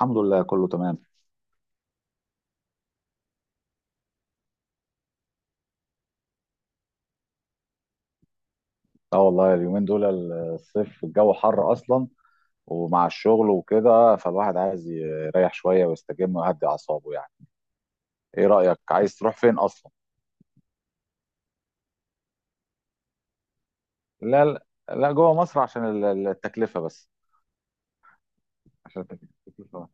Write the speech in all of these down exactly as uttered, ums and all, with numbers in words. الحمد لله، كله تمام. اه، والله اليومين دول، الصيف الجو حر اصلا، ومع الشغل وكده، فالواحد عايز يريح شويه ويستجم ويهدي اعصابه يعني. ايه رايك؟ عايز تروح فين اصلا؟ لا، لا، لا، جوه مصر عشان ال- ال- التكلفه بس. عشان التكلفه.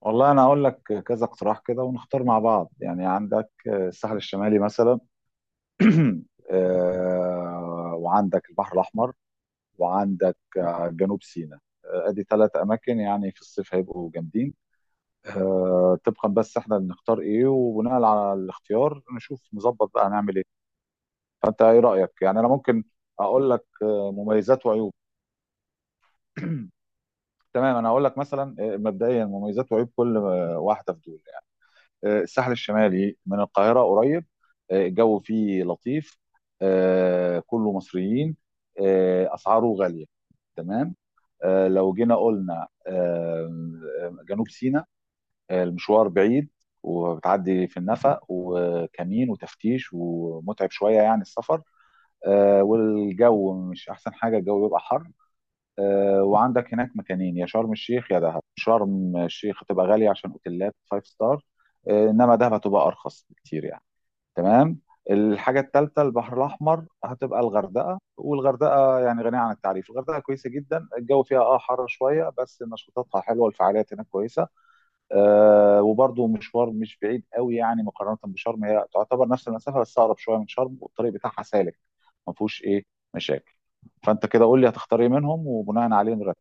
والله انا اقول لك كذا اقتراح كده، ونختار مع بعض. يعني عندك الساحل الشمالي مثلا. آه، وعندك البحر الاحمر، وعندك جنوب سيناء. آه، ادي ثلاث اماكن، يعني في الصيف هيبقوا جامدين. آه، طبقا بس احنا بنختار ايه، وبناء على الاختيار نشوف نظبط بقى هنعمل ايه. فانت ايه رايك؟ يعني انا ممكن اقول لك آه، مميزات وعيوب. تمام، انا هقول لك مثلا آه، مبدئيا مميزات وعيوب كل آه، واحده في دول يعني. آه، الساحل الشمالي من القاهره قريب، آه، الجو فيه لطيف، آه، كله مصريين، آه، اسعاره غاليه. تمام. آه، لو جينا قلنا آه، جنوب سيناء، المشوار بعيد، وبتعدي في النفق وكمين وتفتيش، ومتعب شوية يعني السفر. آه، والجو مش أحسن حاجة، الجو بيبقى حر. آه، وعندك هناك مكانين، يا شرم الشيخ يا دهب. شرم الشيخ هتبقى غالية عشان أوتيلات فايف ستار، آه، إنما دهب هتبقى أرخص بكتير يعني. تمام. الحاجة الثالثة، البحر الأحمر، هتبقى الغردقة. والغردقة يعني غنية عن التعريف. الغردقة كويسة جدا، الجو فيها اه حر شوية، بس نشاطاتها حلوة والفعاليات هناك كويسة. آه، وبرضه مشوار مش بعيد قوي، يعني مقارنه بشرم هي تعتبر نفس المسافه، بس اقرب شويه من شرم. والطريق بتاعها سالك، ما فيهوش ايه مشاكل. فانت كده قول لي هتختار ايه منهم، وبناء عليه نرتب.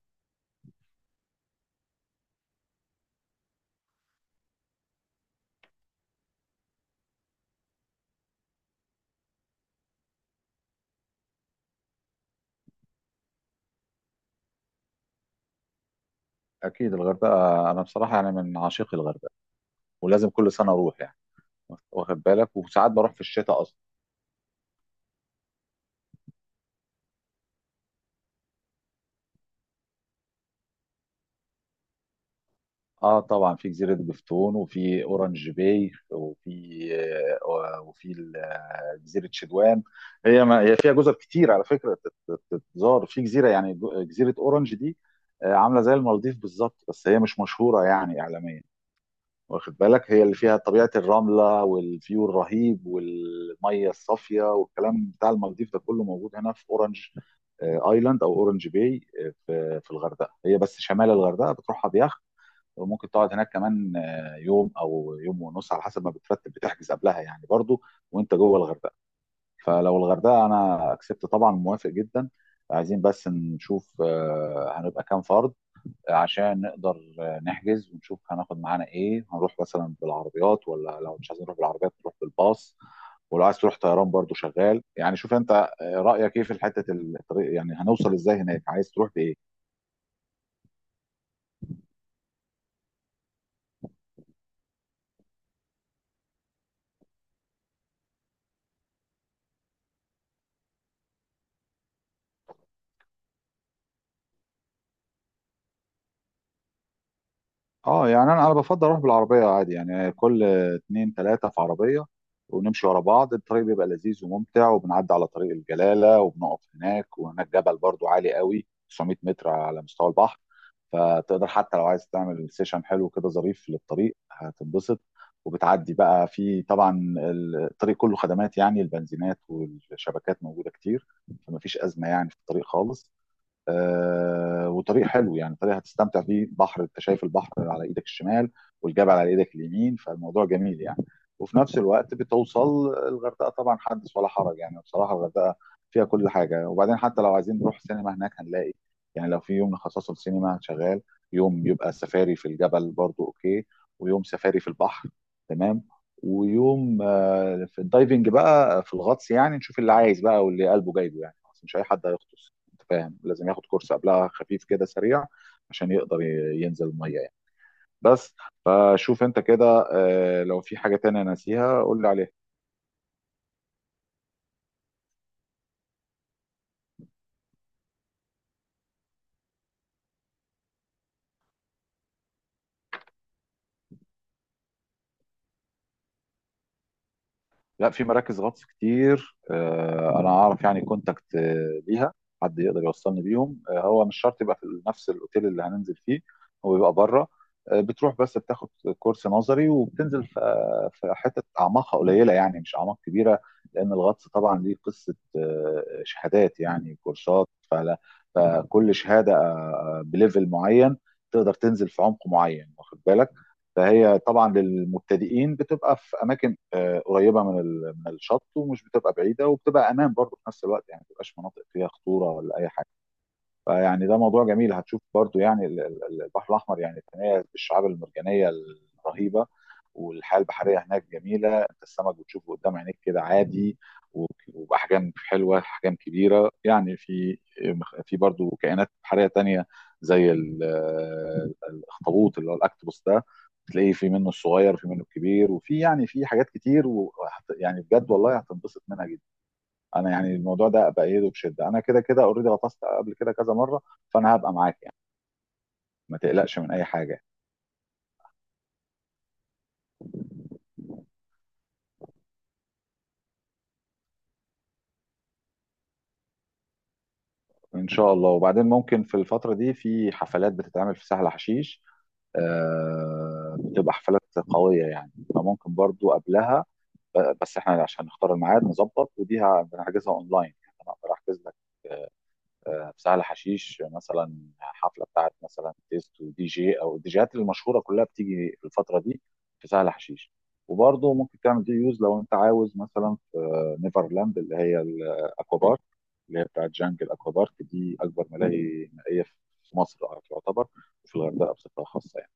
اكيد الغردقه. انا بصراحه يعني من عشاق الغردقه، ولازم كل سنه اروح يعني. واخد بالك وساعات بروح في الشتاء اصلا. اه طبعا، في جزيره جفتون، وفي اورانج باي، وفي آه، وفي ال- آه، جزيره شدوان. هي ما هي فيها جزر كتير على فكره، تت- تت- تتزار في جزيره، يعني جو- جزيره اورانج دي آه، عامله زي المالديف بالظبط، بس هي مش مشهوره يعني اعلاميا. واخد بالك، هي اللي فيها طبيعه الرمله والفيو الرهيب والميه الصافيه، والكلام بتاع المالديف ده كله موجود هنا في اورانج آه، ايلاند او اورانج باي آه، في في الغردقه. هي بس شمال الغردقه، بتروحها بيخت. وممكن تقعد هناك كمان آه، يوم او يوم ونص، على حسب ما بترتب بتحجز قبلها يعني برضو، وانت جوه الغردقه. فلو الغردقه انا اكسبت طبعا موافق جدا. عايزين بس نشوف آه، هنبقى كام فرد، عشان نقدر آه، نحجز ونشوف هناخد معانا ايه. هنروح مثلا بالعربيات، ولا لو مش عايزين نروح بالعربيات نروح بالباص، ولو عايز تروح طيران برضو شغال يعني. شوف انت آه، رأيك ايه في حتة الطريق، يعني هنوصل ازاي هناك، عايز تروح بايه؟ اه يعني انا انا بفضل اروح بالعربيه عادي، يعني كل اتنين تلاته في عربيه، ونمشي ورا بعض. الطريق بيبقى لذيذ وممتع، وبنعدي على طريق الجلاله وبنقف، هناك وهناك جبل برضو عالي قوي، تسعمية متر على مستوى البحر. فتقدر حتى لو عايز تعمل سيشن حلو كده ظريف للطريق هتنبسط. وبتعدي بقى في طبعا الطريق كله خدمات، يعني البنزينات والشبكات موجوده كتير، فمفيش ازمه يعني في الطريق خالص. آه، والطريق حلو يعني، طريق هتستمتع فيه، بحر، انت شايف البحر على ايدك الشمال، والجبل على ايدك اليمين، فالموضوع جميل يعني. وفي نفس الوقت بتوصل الغردقه، طبعا حدث ولا حرج يعني، بصراحه الغردقه فيها كل حاجه. وبعدين حتى لو عايزين نروح سينما، هناك هنلاقي. يعني لو في يوم نخصصه للسينما شغال. يوم يبقى سفاري في الجبل برضو اوكي، ويوم سفاري في البحر. تمام. ويوم آه، في الدايفنج بقى، في الغطس، يعني نشوف اللي عايز بقى واللي قلبه جايبه يعني، أصل مش اي حد هيغطس. انت فاهم؟ لازم ياخد كورس قبلها، خفيف كده سريع، عشان يقدر ي- ينزل الميه يعني. بس. فشوف انت كده، آه، لو في حاجه تانية ناسيها قول لي عليها. لا، في مراكز غطس كتير، آه، انا اعرف يعني كونتاكت آه، ليها. حد يقدر يوصلني بيهم. آه، هو مش شرط يبقى في نفس الاوتيل اللي هننزل فيه، هو بيبقى بره. آه، بتروح بس بتاخد كورس نظري، وبتنزل في آه، في حتت اعماقها قليله يعني، مش اعماق كبيره. لان الغطس طبعا ليه قصه، آه، شهادات يعني كورسات فلا. فكل شهاده بليفل معين تقدر تنزل في عمق معين، واخد بالك. فهي طبعا للمبتدئين بتبقى في اماكن آه، قريبه من من الشط، ومش بتبقى بعيده، وبتبقى امان برضه في نفس الوقت، يعني ما بتبقاش مناطق فيها خطوره ولا اي حاجه. فيعني ده موضوع جميل. هتشوف برضو يعني ال- ال- ال- البحر الأحمر يعني يتميز بالشعاب المرجانية الرهيبة، والحياة البحرية هناك جميلة. انت السمك بتشوفه قدام عينيك كده عادي، و- وبأحجام حلوة، أحجام كبيرة يعني. في، في برضو كائنات بحرية تانية، زي ال- الأخطبوط، اللي هو الأكتوبوس ده، تلاقيه في منه الصغير وفي منه الكبير، وفي يعني في حاجات كتير و... يعني بجد والله هتنبسط منها جدا. انا يعني الموضوع ده بايده بشده، انا كده كده اوريدي غطست قبل كده كذا مره، فانا هبقى معاك يعني. ما تقلقش من اي حاجه. ان شاء الله. وبعدين ممكن في الفتره دي في حفلات بتتعمل في سهل حشيش. آه، بتبقى حفلات قويه يعني، فممكن برضو قبلها ب- بس احنا عشان نختار الميعاد نظبط، ودي ه- هنحجزها اونلاين يعني. انا اقدر احجز لك في سهل حشيش مثلا حفله بتاعت مثلا تيست ودي جي، او الديجيهات المشهوره كلها بتيجي في الفتره دي في سهل حشيش. وبرضه ممكن تعمل دي يوز، لو انت عاوز مثلا في نيفرلاند، اللي هي الاكوا بارك، اللي هي بتاعت جانجل اكوا بارك، دي اكبر ملاهي مائيه في مصر تعتبر، وفي الغردقه بصفه خاصه يعني.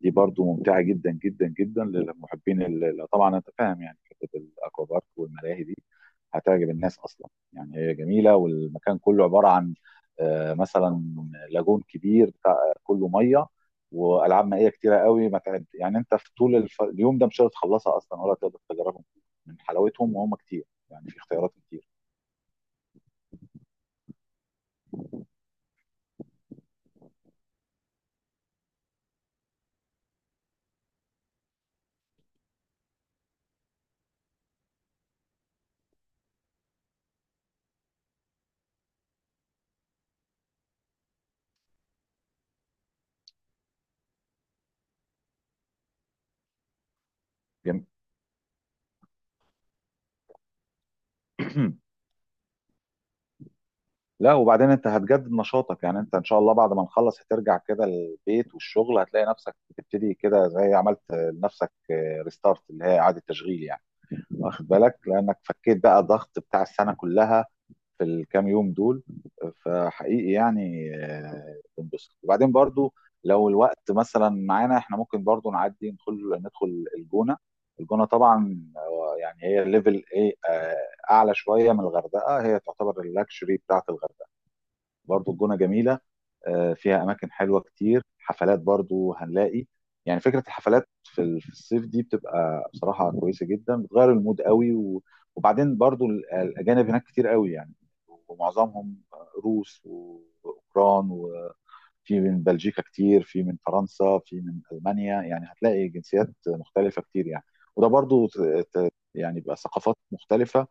دي برضو ممتعه جدا جدا جدا للمحبين ال- طبعا انت فاهم يعني، حته الاكوا بارك والملاهي دي هتعجب الناس اصلا، يعني هي جميله. والمكان كله عباره عن آه، مثلا لاجون كبير بتاع كله ميه، والعاب مائيه كتيره قوي ما تعد يعني. انت في طول الف... اليوم ده مش هتخلصها اصلا، ولا تقدر تجربهم من حلاوتهم، وهم كتير، يعني في اختيارات كتير. جميل. لا، وبعدين انت هتجدد نشاطك، يعني انت ان شاء الله بعد ما نخلص هترجع كده البيت والشغل، هتلاقي نفسك بتبتدي كده زي عملت لنفسك ريستارت، اللي هي اعاده تشغيل يعني. واخد بالك، لانك فكيت بقى الضغط بتاع السنه كلها في الكام يوم دول. فحقيقي يعني آه، بنبسط. وبعدين برضو لو الوقت مثلا معانا، احنا ممكن برضو نعدي ندخل ندخل الجونه. الجونه طبعا آه، يعني هي ليفل ايه، آه، اعلى شويه من الغردقه، هي تعتبر اللاكشري بتاعت الغردقه. برضو الجونة جميلة، آه، فيها أماكن حلوة كتير، حفلات برضو هنلاقي. يعني فكرة الحفلات في ال- في الصيف دي بتبقى بصراحة كويسة جدا، بتغير المود قوي. و- وبعدين برضو ال- الأجانب هناك كتير قوي يعني، ومعظمهم روس وأوكران، وفي من بلجيكا كتير، في من فرنسا، في من ألمانيا، يعني هتلاقي جنسيات مختلفة كتير يعني. وده برضو ت- ت- يعني بقى ثقافات مختلفة،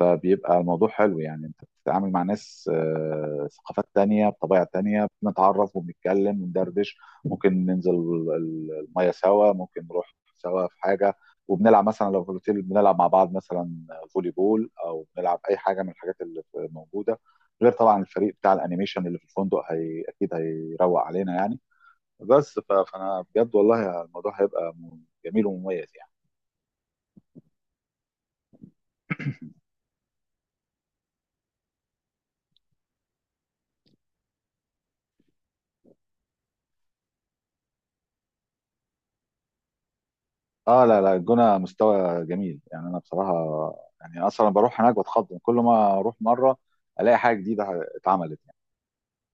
فبيبقى الموضوع حلو يعني. انت بتتعامل مع ناس آه، ثقافات تانية بطبيعة تانية، بنتعرف وبنتكلم وندردش، ممكن ننزل ال- ال- المية سوا، ممكن نروح سوا في حاجة، وبنلعب مثلا لو في الاوتيل بنلعب مع بعض مثلا فولي بول، او بنلعب اي حاجة من الحاجات اللي في- موجودة، غير طبعا الفريق بتاع الانيميشن اللي في الفندق، هي اكيد هيروق علينا يعني. بس ف- فانا بجد والله الموضوع هيبقى م- جميل ومميز يعني. اه، لا، لا، الجونه مستوى جميل يعني. انا بصراحه يعني، اصلا بروح هناك بتخض، كل ما اروح مره الاقي حاجه جديده اتعملت يعني.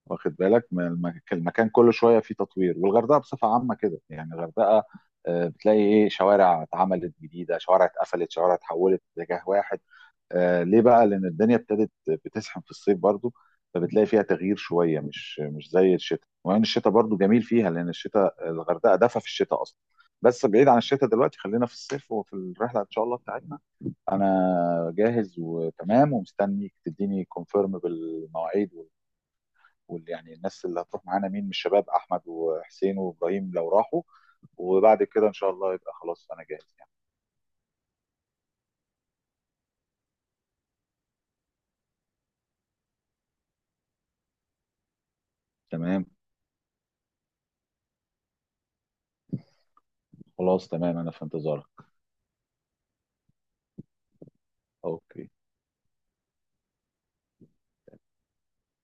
واخد بالك، من المك- المكان كل شويه فيه تطوير، والغردقه بصفه عامه كده يعني الغردقه آه، بتلاقي ايه شوارع اتعملت جديده، شوارع اتقفلت، شوارع اتحولت اتجاه واحد. آه ليه بقى؟ لأن الدنيا ابتدت بتسخن في الصيف برضو، فبتلاقي فيها تغيير شوية، مش مش زي الشتاء، وإن الشتاء برضو جميل فيها، لأن الشتاء الغردقة دفى في الشتاء أصلا. بس بعيد عن الشتاء دلوقتي، خلينا في الصيف وفي الرحلة إن شاء الله بتاعتنا. أنا جاهز وتمام، ومستنيك تديني كونفيرم بالمواعيد وال وال- يعني الناس اللي هتروح معانا، مين من الشباب، أحمد وحسين وإبراهيم لو راحوا. وبعد كده إن شاء الله يبقى خلاص، أنا جاهز يعني. تمام. خلاص تمام، أنا في انتظارك. أوكي.